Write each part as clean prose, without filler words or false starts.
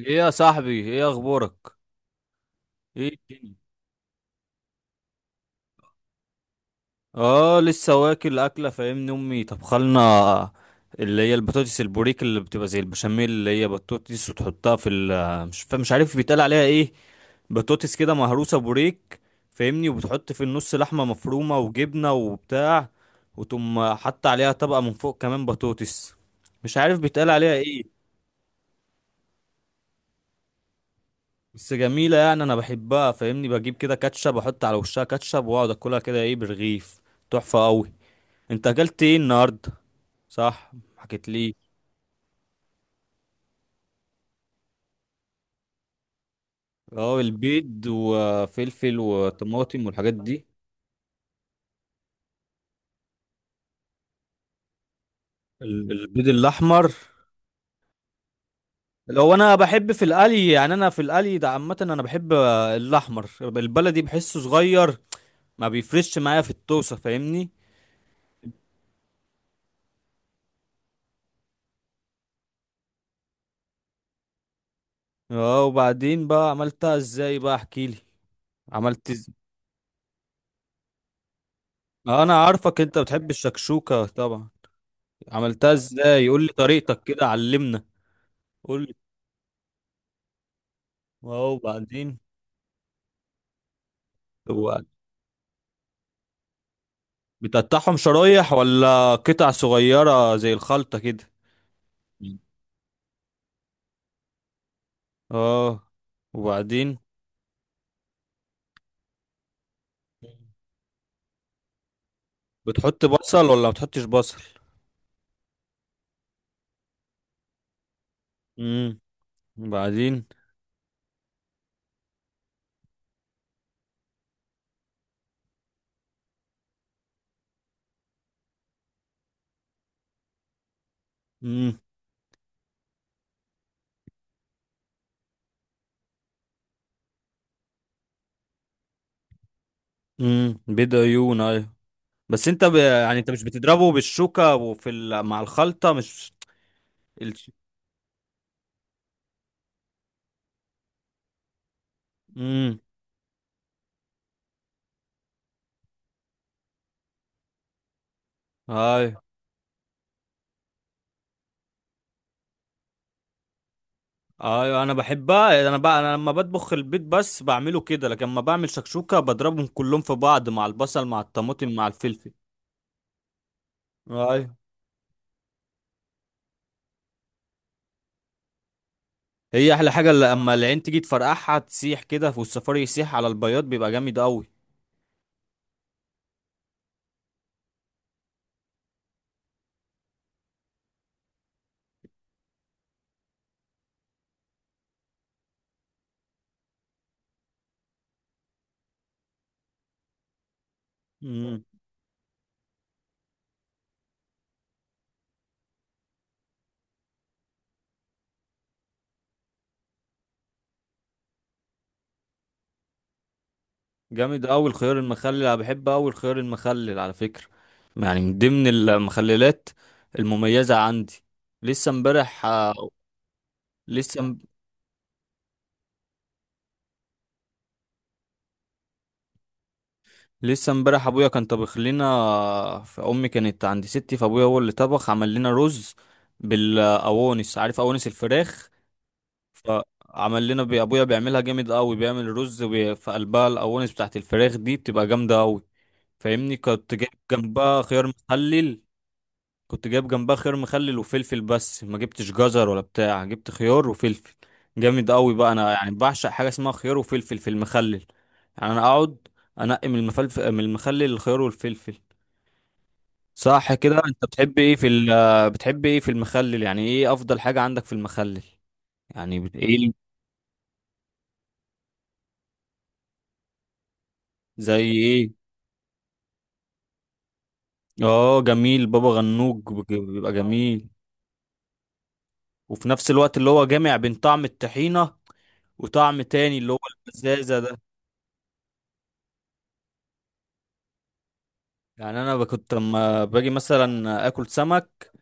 ايه يا صاحبي، ايه اخبارك؟ ايه الدنيا؟ اه لسه واكل اكله، فاهمني؟ امي طبخلنا اللي هي البطاطس البوريك، اللي بتبقى زي البشاميل، اللي هي بطاطس وتحطها في ال مش عارف بيتقال عليها ايه. بطاطس كده مهروسه، بوريك، فاهمني؟ وبتحط في النص لحمه مفرومه وجبنه وبتاع، وتقوم حط عليها طبقه من فوق كمان بطاطس. مش عارف بيتقال عليها ايه، بس جميلة يعني. أنا بحبها، فاهمني؟ بجيب كده كاتشب، أحط على وشها كاتشب وأقعد أكلها كده، إيه، برغيف. تحفة أوي. أنت أكلت إيه النهاردة؟ صح، حكيت لي. أه، البيض وفلفل وطماطم والحاجات دي. البيض الأحمر؟ لو أنا بحب في القلي، يعني أنا في القلي ده عامة أنا بحب الأحمر البلدي، بحسه صغير، ما بيفرش معايا في الطوسة، فاهمني؟ أه، وبعدين بقى عملتها إزاي بقى؟ أحكيلي. عملت. انا عارفك انت بتحب الشكشوكة طبعا. عملتها ازاي؟ قول لي طريقتك كده، علمنا. قول لي. واو، وبعدين؟ هو بتقطعهم شرايح ولا قطع صغيرة زي الخلطة كده؟ اه. وبعدين؟ بتحط بصل ولا ما بتحطش بصل؟ امم وبعدين؟ امم امم، بيض عيون، ايوه. بس انت ب... يعني انت مش بتضربه بالشوكة وفي ال... مع الخلطة مش ال... امم ايوه، ايوه، انا بحبها. انا بقى، انا لما بطبخ البيت بس بعمله كده، لكن لما بعمل شكشوكه بضربهم كلهم في بعض مع البصل مع الطماطم مع الفلفل. ايوه، هي احلى حاجه، اللي اما العين تيجي تفرقعها تسيح كده، والسفاري يسيح على البياض بيبقى جامد قوي. امم جامد قوي الخيار المخلل. انا بحب قوي الخيار المخلل على فكره، يعني من ضمن المخللات المميزه عندي. لسه امبارح. لسه لسه امبارح ابويا كان طبخ لنا، فامي كانت عند ستي، فابويا هو اللي طبخ، عمل لنا رز بالاوانس، عارف اوانس الفراخ؟ فعمل لنا ابويا بيعملها جامد قوي، بيعمل رز في قلبها الاوانس بتاعت الفراخ دي، بتبقى جامده قوي. فاهمني؟ كنت جايب جنبها خيار مخلل. كنت جايب جنبها خيار مخلل وفلفل، بس ما جبتش جزر ولا بتاع، جبت خيار وفلفل. جامد قوي بقى، انا يعني بعشق حاجه اسمها خيار وفلفل في المخلل. يعني انا اقعد انقي من المفلفل من المخلل الخيار والفلفل. صح كده، انت بتحب ايه في ال، بتحب ايه في المخلل؟ يعني ايه افضل حاجه عندك في المخلل؟ يعني بت- ايه زي ايه؟ اه جميل، بابا غنوج، بيبقى جميل. وفي نفس الوقت اللي هو جامع بين طعم الطحينه وطعم تاني اللي هو الفزازه ده. يعني انا ب- كنت لما باجي مثلا اكل سمك،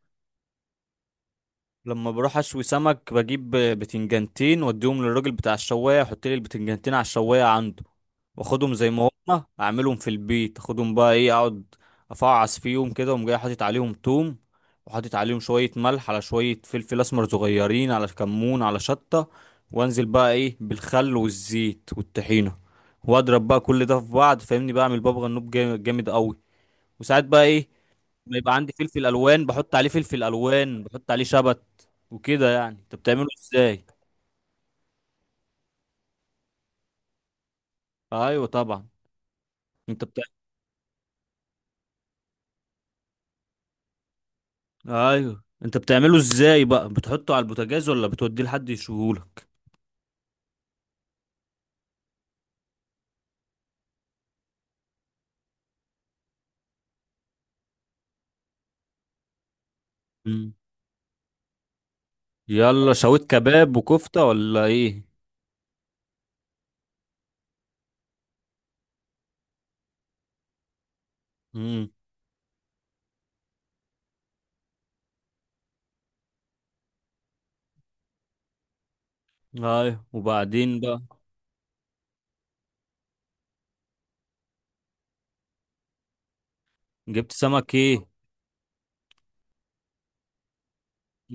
لما بروح اشوي سمك بجيب بتنجانتين واديهم للراجل بتاع الشوايه، يحط لي البتنجانتين على الشوايه عنده، واخدهم زي ما هما، اعملهم في البيت. اخدهم بقى، ايه، اقعد افعص فيهم كده، وأقوم جاي حاطط عليهم توم، وحاطط عليهم شويه ملح، على شويه فلفل اسمر صغيرين، على كمون، على شطه، وانزل بقى ايه بالخل والزيت والطحينه، واضرب بقى كل ده في بعض، فاهمني؟ بعمل بابا غنوج جامد، جامد قوي. وساعات بقى ايه، ما يبقى عندي فلفل الوان، بحط عليه فلفل الوان، بحط عليه شبت وكده. يعني انت بتعمله ازاي؟ ايوه طبعا. انت بتع... ايوه، انت بتعمله ازاي بقى؟ بتحطه على البوتاجاز ولا بتوديه لحد يشوهولك؟ مم. يلا، شويت كباب وكفتة ولا ايه؟ امم ايوه، وبعدين بقى؟ جبت سمك ايه؟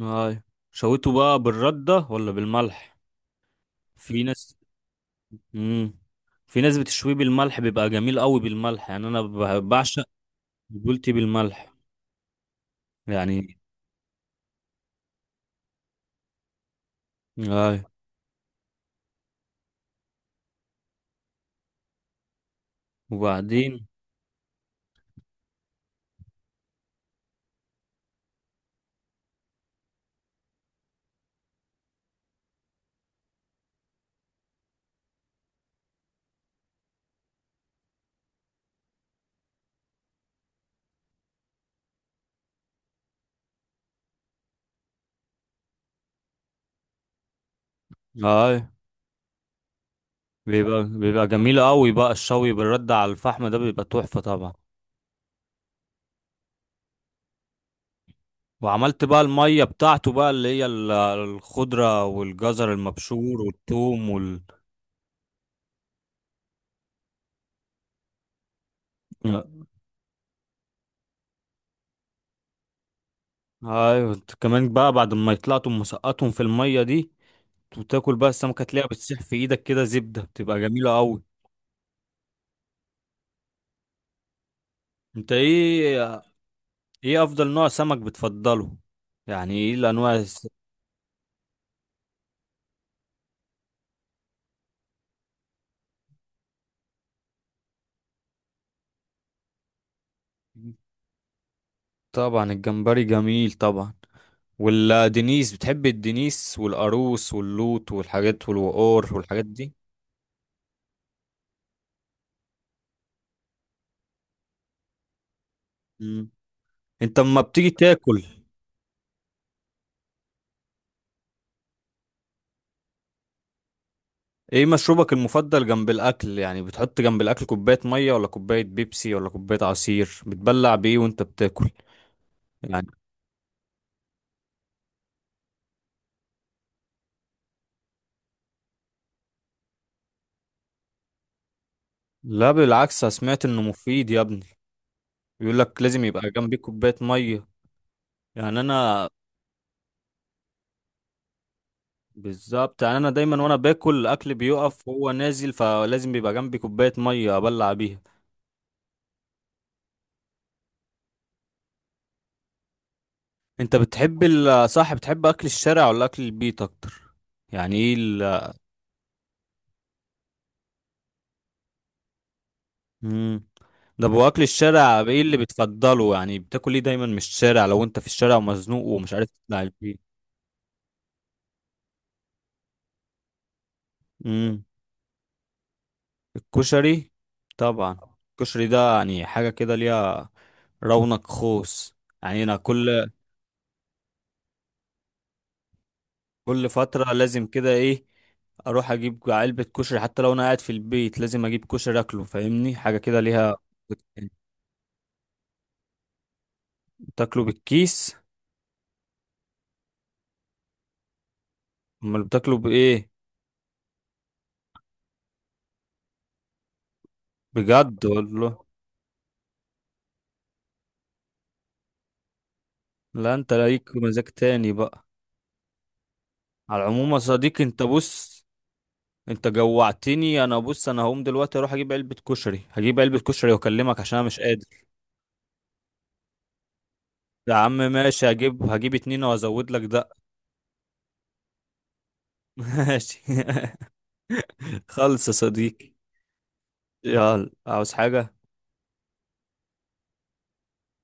ايوه، شويته بقى بالردة ولا بالملح؟ في ناس. امم في ناس بتشويه بالملح بيبقى جميل قوي بالملح. يعني انا ب- بعشق بولتي بالملح يعني. اي، وبعدين؟ اي، بيبقى جميل قوي بقى الشوي بالرد على الفحم ده، بيبقى تحفة طبعا. وعملت بقى المية بتاعته بقى، اللي هي الخضرة والجزر المبشور والثوم وال، ايوه. انت كمان بقى، بعد ما يطلعتم مسقطهم في المية دي، وتاكل بقى السمكة تلاقيها بتسيح في ايدك كده زبدة، بتبقى جميلة قوي. انت ايه؟ ايه افضل نوع سمك بتفضله؟ يعني ايه الانواع الس-؟ طبعا الجمبري جميل طبعا. ولا دينيس؟ بتحب الدينيس والقاروص واللوت والحاجات والوقور والحاجات دي؟ مم. انت اما بتيجي تاكل، ايه مشروبك المفضل جنب الاكل؟ يعني بتحط جنب الاكل كوباية مية ولا كوباية بيبسي ولا كوباية عصير؟ بتبلع بايه وانت بتاكل؟ يعني لا بالعكس، انا سمعت انه مفيد يا ابني. بيقول لك لازم يبقى جنبيك كوباية مية. يعني انا، بالظبط يعني، انا دايما وانا باكل الاكل بيقف وهو نازل، فلازم بيبقى جنبي كوباية مية ابلع بيها. انت بتحب صح، بتحب اكل الشارع ولا اكل البيت اكتر؟ يعني ايه ال. مم. ده ابو اكل الشارع، ايه اللي بتفضله؟ يعني بتاكل ايه دايما من الشارع لو انت في الشارع ومزنوق ومش عارف تطلع البيت؟ امم الكشري. طبعا الكشري، ده يعني حاجة كده ليها رونق خوص. يعني انا كل، كل فترة لازم كده ايه، اروح اجيب علبة كشري. حتى لو انا قاعد في البيت لازم اجيب كشري اكله، فاهمني؟ حاجة كده ليها. بتاكله بالكيس؟ امال بتاكله بايه؟ بجد والله؟ لا انت ليك مزاج تاني بقى. على العموم يا صديقي، انت بص، انت جوعتني. انا بص، انا هقوم دلوقتي اروح اجيب علبة كشري، هجيب علبة كشري واكلمك، عشان انا مش قادر. يا عم ماشي، هجيب اتنين وازود لك ده. ماشي. خلص يا صديقي. يلا، عاوز حاجة؟